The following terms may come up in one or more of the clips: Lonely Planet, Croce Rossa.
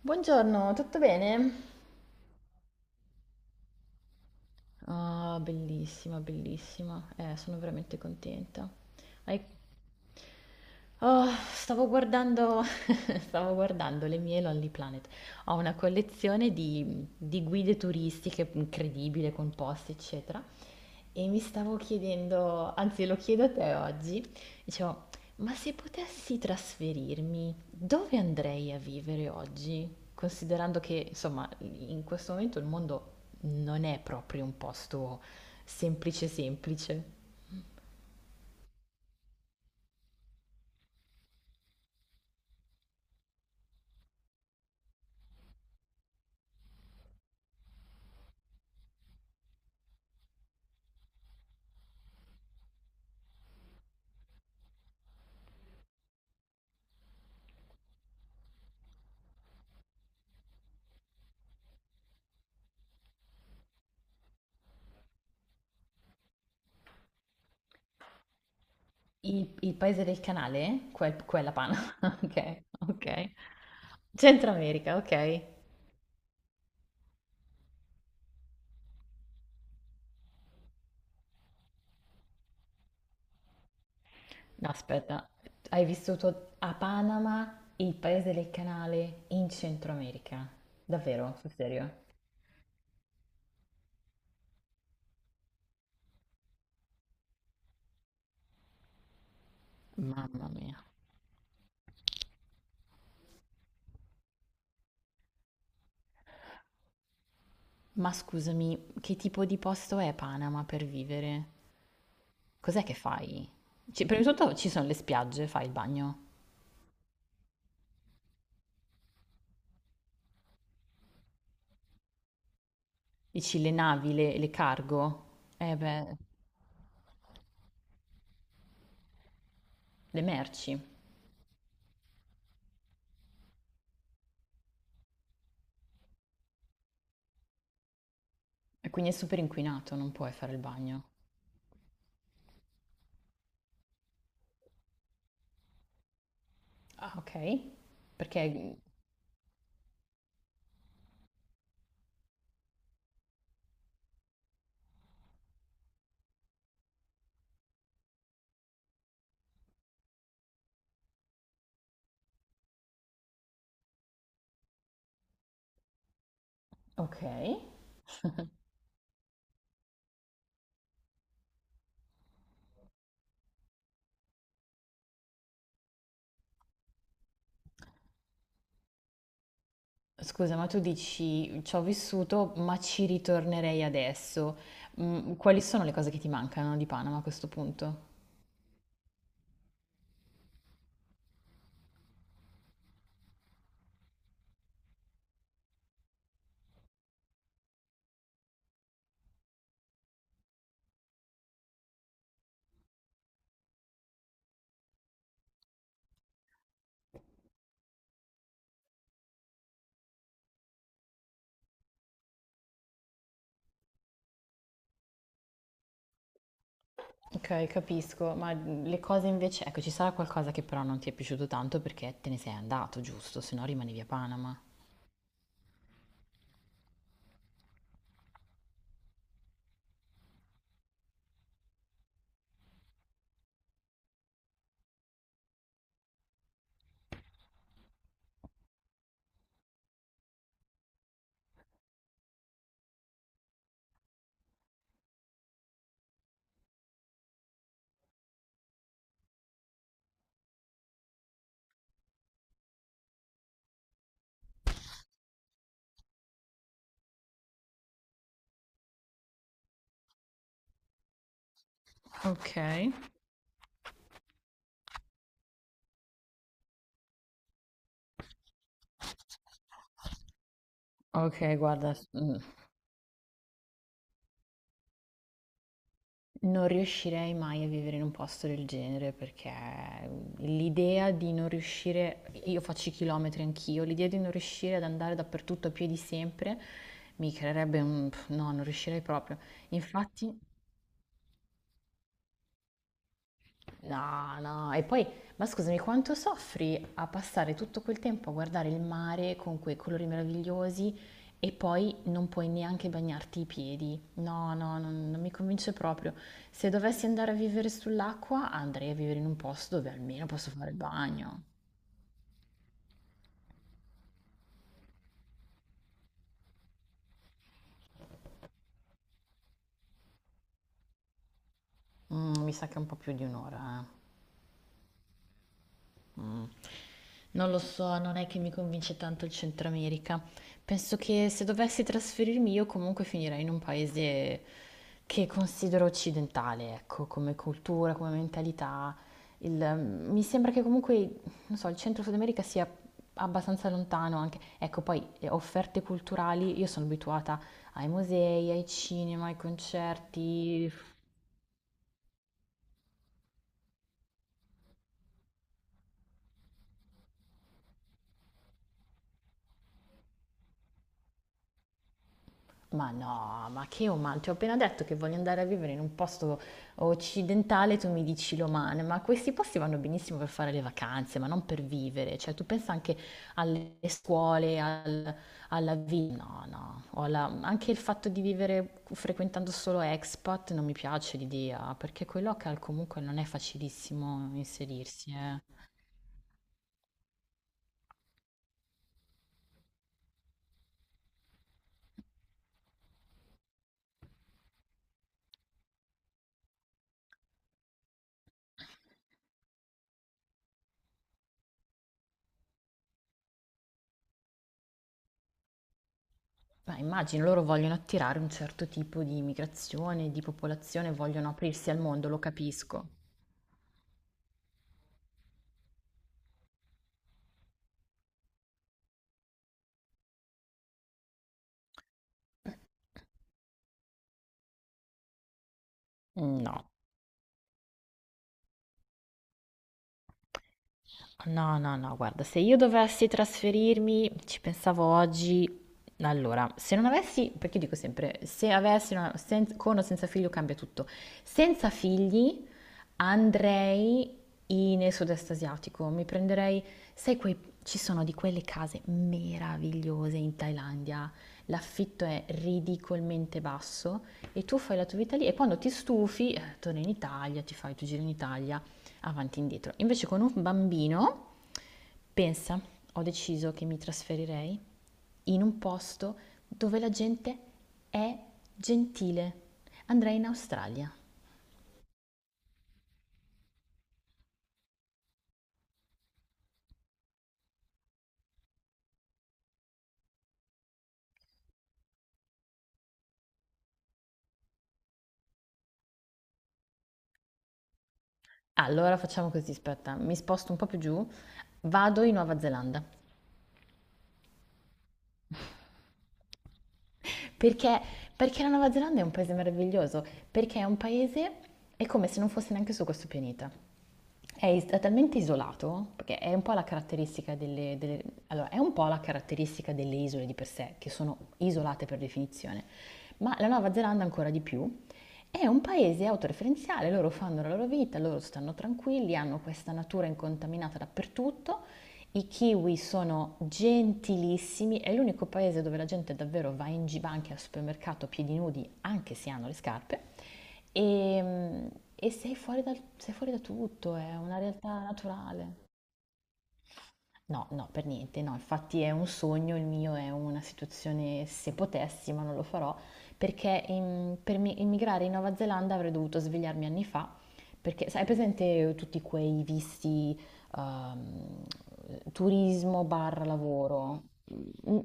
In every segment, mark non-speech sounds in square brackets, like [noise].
Buongiorno, tutto bene? Ah, bellissima, bellissima. Sono veramente contenta. Hai- Oh, Stavo guardando, [laughs] stavo guardando le mie Lonely Planet. Ho una collezione di guide turistiche incredibile, con posti, eccetera. E mi stavo chiedendo, anzi lo chiedo a te oggi, dicevo, ma se potessi trasferirmi, dove andrei a vivere oggi? Considerando che, insomma, in questo momento il mondo non è proprio un posto semplice semplice. Il paese del canale? Quella pana. [laughs] Ok, ok. Centro America, ok. No, aspetta, hai vissuto a Panama, il paese del canale, in Centro America? Davvero? Sul serio? Mamma mia. Ma scusami, che tipo di posto è Panama per vivere? Cos'è che fai? Prima di tutto ci sono le spiagge, fai il bagno. Dici le navi, le cargo? Eh beh, le merci. E quindi è super inquinato, non puoi fare il bagno. Ah, ok. Perché... Ok. Scusa, ma tu dici ci ho vissuto, ma ci ritornerei adesso. Mm, quali sono le cose che ti mancano di Panama a questo punto? Ok, capisco, ma le cose invece, ecco, ci sarà qualcosa che però non ti è piaciuto tanto perché te ne sei andato, giusto? Se no rimanevi a Panama. Ok. Ok, guarda, non riuscirei mai a vivere in un posto del genere perché l'idea di non riuscire, io faccio i chilometri anch'io, l'idea di non riuscire ad andare dappertutto a piedi sempre mi creerebbe un... no, non riuscirei proprio. Infatti, no, no, e poi, ma scusami, quanto soffri a passare tutto quel tempo a guardare il mare con quei colori meravigliosi e poi non puoi neanche bagnarti i piedi? No, no, non mi convince proprio. Se dovessi andare a vivere sull'acqua, andrei a vivere in un posto dove almeno posso fare il bagno. Mm, mi sa che è un po' più di un'ora, eh. Mm. Non lo so, non è che mi convince tanto il Centro America. Penso che se dovessi trasferirmi io comunque finirei in un paese che considero occidentale, ecco, come cultura, come mentalità. Il- Mi sembra che comunque, non so, il Centro Sud America sia abbastanza lontano anche. Ecco, poi offerte culturali, io sono abituata ai musei, ai cinema, ai concerti. Ma no, ma che umano? Ti ho appena detto che voglio andare a vivere in un posto occidentale, tu mi dici l'Oman, ma questi posti vanno benissimo per fare le vacanze, ma non per vivere. Cioè, tu pensa anche alle scuole, alla vita. No, no. Anche il fatto di vivere frequentando solo expat non mi piace l'idea, perché coi local comunque non è facilissimo inserirsi, eh. Ma immagino loro vogliono attirare un certo tipo di immigrazione, di popolazione, vogliono aprirsi al mondo, lo capisco. No, no, no, no, guarda, se io dovessi trasferirmi, ci pensavo oggi, allora, se non avessi, perché dico sempre, se avessi una- sen- con o senza figlio cambia tutto, senza figli andrei nel sud-est asiatico, mi prenderei, sai, quei, ci sono di quelle case meravigliose in Thailandia, l'affitto è ridicolmente basso. E tu fai la tua vita lì e quando ti stufi torni in Italia, ti fai il tuo giro in Italia, avanti e indietro. Invece con un bambino, pensa, ho deciso che mi trasferirei in un posto dove la gente è gentile. Andrei in Australia. Allora facciamo così, aspetta, mi sposto un po' più giù, vado in Nuova Zelanda. Perché? Perché la Nuova Zelanda è un paese meraviglioso, perché è un paese, è come se non fosse neanche su questo pianeta. È talmente isolato, perché è un po' la caratteristica allora, è un po' la caratteristica delle isole di per sé, che sono isolate per definizione, ma la Nuova Zelanda ancora di più, è un paese autoreferenziale, loro fanno la loro vita, loro stanno tranquilli, hanno questa natura incontaminata dappertutto. I kiwi sono gentilissimi, è l'unico paese dove la gente davvero va in giro, anche al supermercato a piedi nudi, anche se hanno le scarpe, e, e sei fuori sei fuori da tutto, è una realtà naturale. No, no, per niente, no, infatti è un sogno, il mio è una situazione, se potessi, ma non lo farò, perché immigrare in Nuova Zelanda avrei dovuto svegliarmi anni fa, perché sai, hai presente tutti quei visti ehm, turismo barra lavoro? Mm,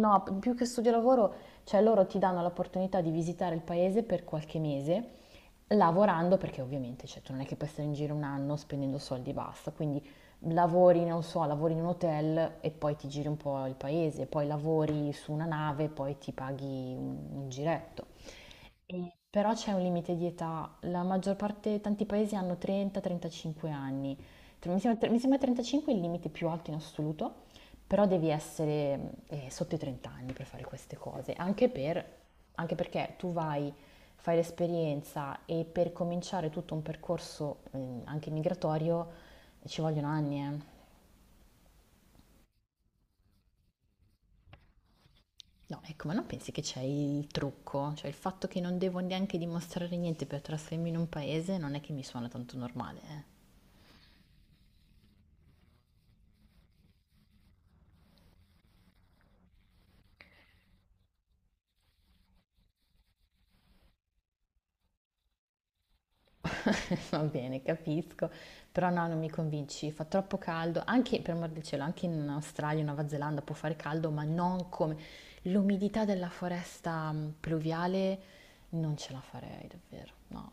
no, più che studio lavoro, cioè loro ti danno l'opportunità di visitare il paese per qualche mese, lavorando perché ovviamente, cioè, tu non è che puoi stare in giro un anno spendendo soldi e basta, quindi lavori, non so, lavori in un hotel e poi ti giri un po' il paese, poi lavori su una nave e poi ti paghi un giretto. Però c'è un limite di età, la maggior parte, tanti paesi hanno 30-35 anni. Mi sembra, mi sembra 35 il limite più alto in assoluto, però devi essere sotto i 30 anni per fare queste cose, anche, anche perché tu vai, fai l'esperienza e per cominciare tutto un percorso anche migratorio ci vogliono anni, eh. No, ecco, ma non pensi che c'è il trucco? Cioè il fatto che non devo neanche dimostrare niente per trasferirmi in un paese non è che mi suona tanto normale, eh. [laughs] Va bene, capisco, però no, non mi convinci, fa troppo caldo, anche per amor del cielo, anche in Australia, Nuova Zelanda può fare caldo, ma non come l'umidità della foresta pluviale, non ce la farei davvero, no.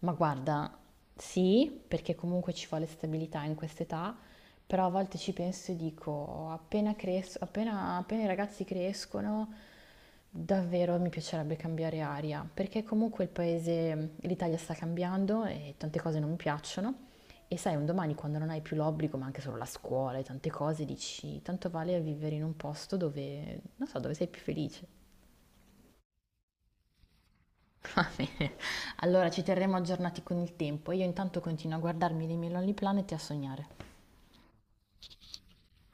Ma guarda, sì, perché comunque ci vuole stabilità in quest'età, però a volte ci penso e dico, appena, appena i ragazzi crescono, davvero mi piacerebbe cambiare aria, perché comunque il paese, l'Italia sta cambiando e tante cose non mi piacciono. E sai, un domani quando non hai più l'obbligo, ma anche solo la scuola e tante cose, dici, tanto vale vivere in un posto dove, non so, dove sei più felice. [laughs] Va bene, allora ci terremo aggiornati con il tempo. Io intanto continuo a guardarmi dei miei Lonely Planet e a sognare.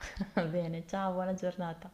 [laughs] Va bene, ciao, buona giornata.